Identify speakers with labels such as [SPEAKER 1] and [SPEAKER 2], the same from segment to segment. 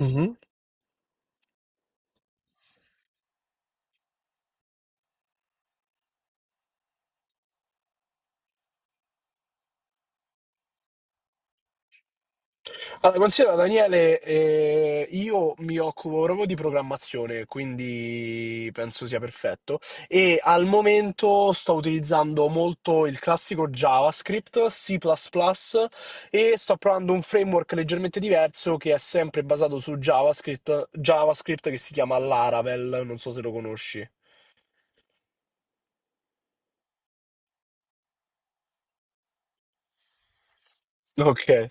[SPEAKER 1] Mh-mh. Allora, considera Daniele, io mi occupo proprio di programmazione, quindi penso sia perfetto. E al momento sto utilizzando molto il classico JavaScript, C++ plus plus e sto provando un framework leggermente diverso che è sempre basato su JavaScript che si chiama Laravel, non so se lo conosci. Okay.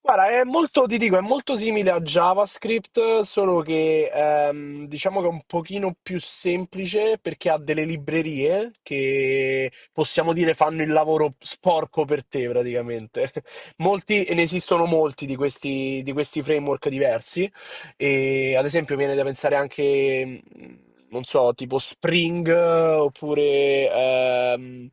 [SPEAKER 1] Guarda, è molto, ti dico, è molto simile a JavaScript, solo che diciamo che è un pochino più semplice perché ha delle librerie che possiamo dire fanno il lavoro sporco per te praticamente. Molti, e ne esistono molti di questi framework diversi. E, ad esempio, viene da pensare anche, non so, tipo Spring oppure,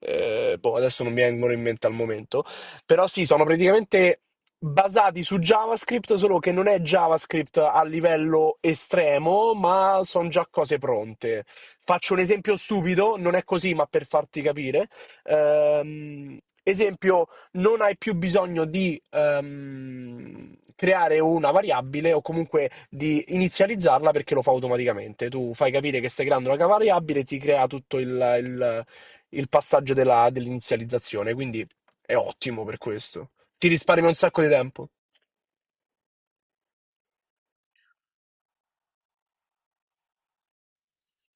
[SPEAKER 1] adesso non mi vengono in mente al momento però sì, sono praticamente basati su JavaScript, solo che non è JavaScript a livello estremo, ma sono già cose pronte. Faccio un esempio stupido, non è così, ma per farti capire. Ehm, esempio, non hai più bisogno di creare una variabile o comunque di inizializzarla perché lo fa automaticamente. Tu fai capire che stai creando una variabile e ti crea tutto il- il passaggio dell'inizializzazione. Quindi è ottimo per questo. Ti risparmia un sacco di tempo.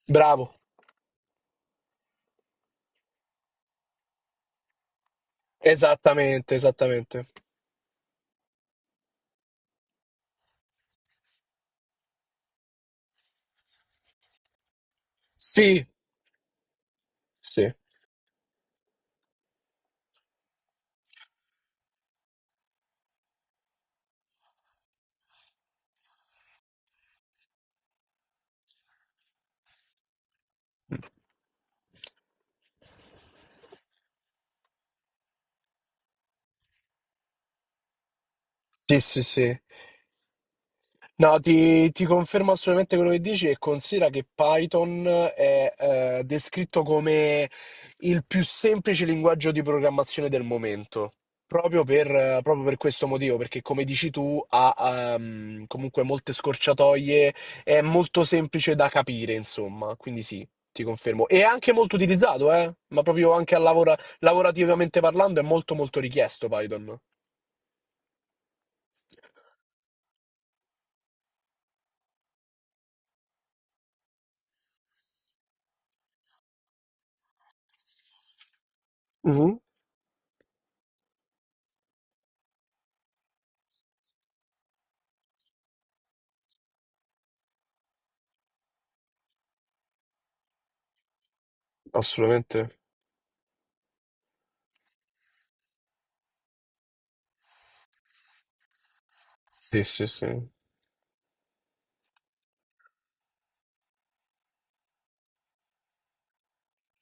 [SPEAKER 1] Bravo. Esattamente, esattamente. Sì, sì. Sì, sì, sì. No, ti confermo assolutamente quello che dici e considera che Python è descritto come il più semplice linguaggio di programmazione del momento, proprio per questo motivo, perché come dici tu ha comunque molte scorciatoie, è molto semplice da capire, insomma, quindi sì, ti confermo. E è anche molto utilizzato, ma proprio anche a lavorativamente parlando è molto molto richiesto Python. Mhm. Assolutamente. Sì, sì, sì.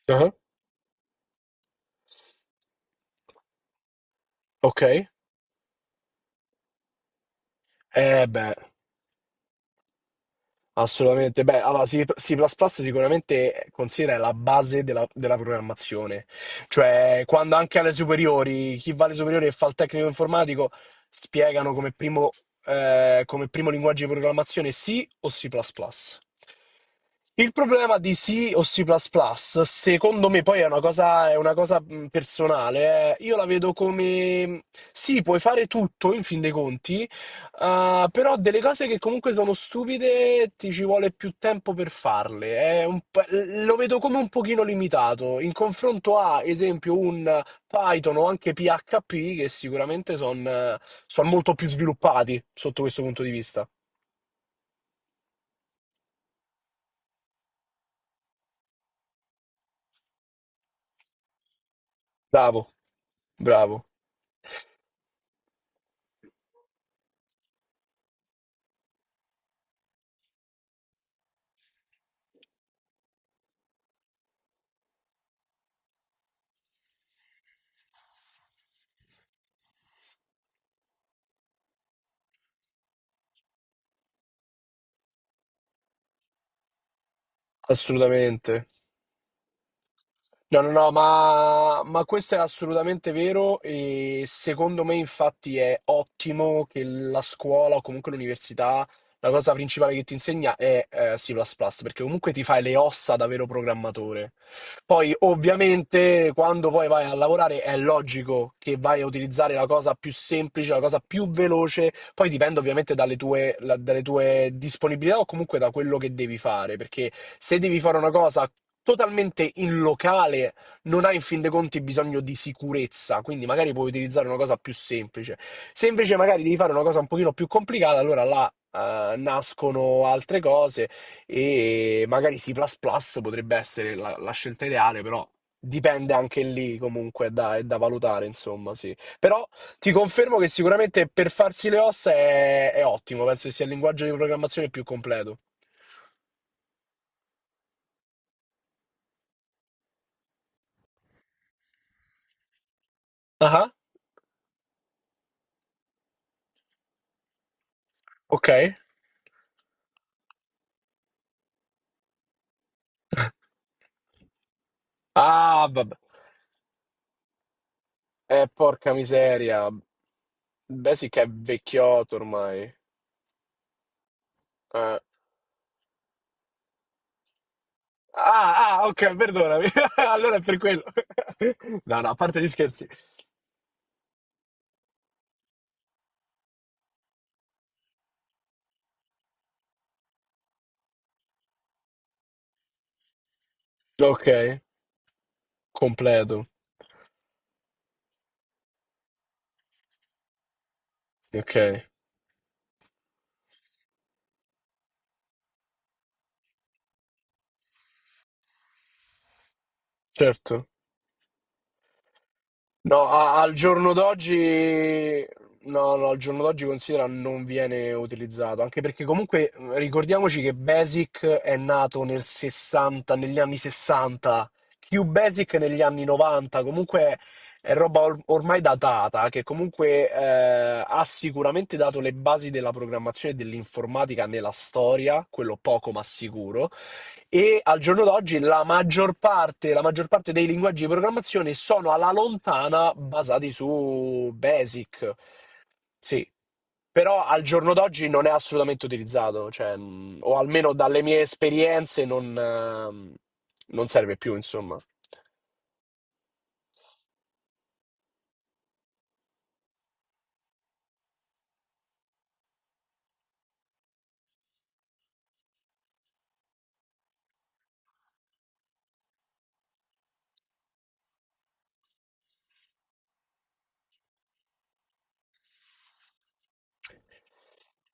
[SPEAKER 1] Ah. Ok, eh beh, assolutamente. Beh, allora C++ sicuramente considera la base della programmazione. Cioè, quando anche alle superiori, chi va alle superiori e fa il tecnico informatico, spiegano come primo linguaggio di programmazione C o C++. Il problema di C o C++, secondo me, poi è una cosa personale, eh. Io la vedo come sì, puoi fare tutto in fin dei conti. Ah, però delle cose che comunque sono stupide ti ci vuole più tempo per farle. Lo vedo come un pochino limitato in confronto a, esempio, un Python o anche PHP che sicuramente sono molto più sviluppati sotto questo punto di vista. Bravo, bravo, assolutamente. No, no, no, ma questo è assolutamente vero e secondo me infatti è ottimo che la scuola o comunque l'università, la cosa principale che ti insegna è C++, perché comunque ti fai le ossa da vero programmatore. Poi ovviamente quando poi vai a lavorare è logico che vai a utilizzare la cosa più semplice, la cosa più veloce, poi dipende ovviamente dalle tue, dalle tue disponibilità o comunque da quello che devi fare, perché se devi fare una cosa totalmente in locale non hai in fin dei conti bisogno di sicurezza, quindi magari puoi utilizzare una cosa più semplice. Se invece magari devi fare una cosa un pochino più complicata, allora là nascono altre cose e magari C++ potrebbe essere la scelta ideale, però dipende anche lì comunque, è da valutare, insomma, sì. Però ti confermo che sicuramente per farsi le ossa è ottimo, penso che sia il linguaggio di programmazione più completo. Ah, ok. Ah, vabbè. Porca miseria. Beh, sì che è vecchiotto ormai. Eh. Ah, ah, ok, perdonami. Allora è per quello. No, no, a parte gli scherzi. Ok, completo. Ok, certo. No, al giorno d'oggi, no, no, al giorno d'oggi considera non viene utilizzato, anche perché comunque ricordiamoci che Basic è nato nel 60, negli anni 60, QBasic negli anni 90, comunque è roba ormai datata, che comunque ha sicuramente dato le basi della programmazione e dell'informatica nella storia, quello poco ma sicuro. E al giorno d'oggi la maggior parte dei linguaggi di programmazione sono alla lontana basati su Basic. Sì, però al giorno d'oggi non è assolutamente utilizzato, cioè, o almeno dalle mie esperienze non, non serve più, insomma.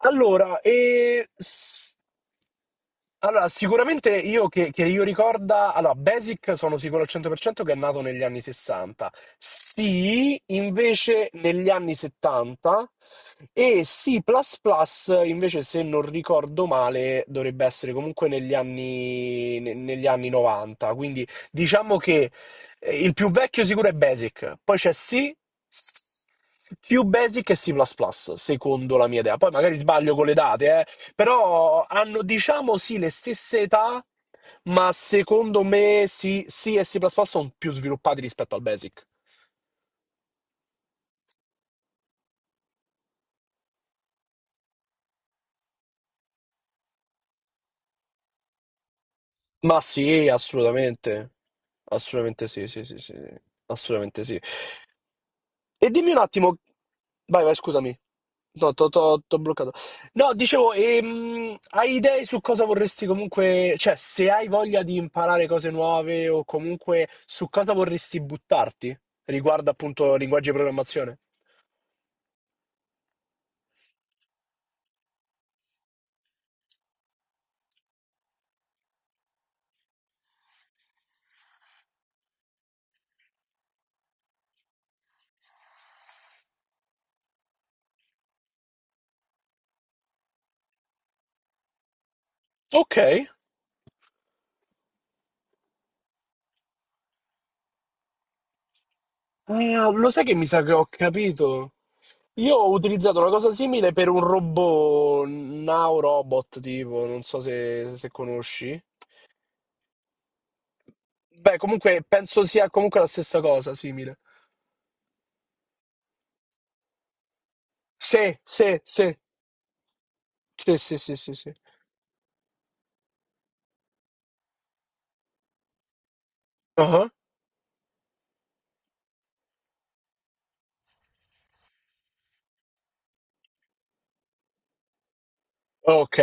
[SPEAKER 1] Allora, e s- Allora, sicuramente io che io ricorda, allora, Basic sono sicuro al 100% che è nato negli anni 60. Sì, invece negli anni 70 e C++ invece se non ricordo male dovrebbe essere comunque negli anni, negli anni 90. Quindi diciamo che il più vecchio sicuro è Basic, poi c'è C, più Basic e C++, secondo la mia idea. Poi magari sbaglio con le date, eh. Però hanno, diciamo, sì, le stesse età, ma secondo me sì, sì e C++ sono più sviluppati rispetto al Basic. Ma sì, assolutamente. Assolutamente sì, sì, sì, sì. Sì. Assolutamente sì. E dimmi un attimo... Vai, vai, scusami. No, t'ho bloccato. No, dicevo, hai idee su cosa vorresti comunque... Cioè, se hai voglia di imparare cose nuove o comunque su cosa vorresti buttarti riguardo appunto linguaggi di programmazione? Ok. Ah, lo sai che mi sa che ho capito? Io ho utilizzato una cosa simile per un robot, Now Robot, tipo, non so se, se conosci. Beh, comunque penso sia comunque la stessa cosa, simile. Sì, sì, sì, sì, sì, sì, sì, sì. Ah. Ok,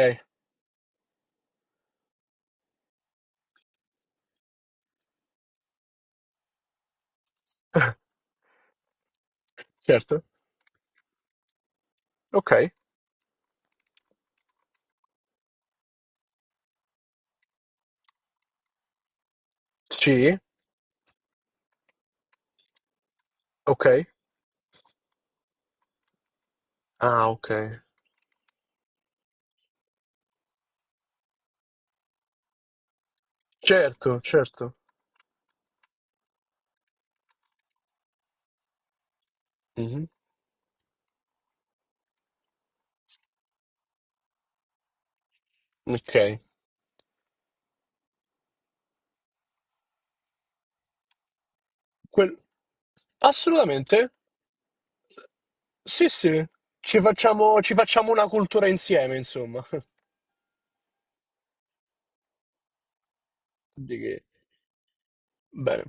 [SPEAKER 1] certo. Ok. Sì, ok. Ah, ok. Certo, certo. Mhm. Ok. Quel- Assolutamente. Sì, sì. Ci facciamo una cultura insieme, insomma. Di che- Bene.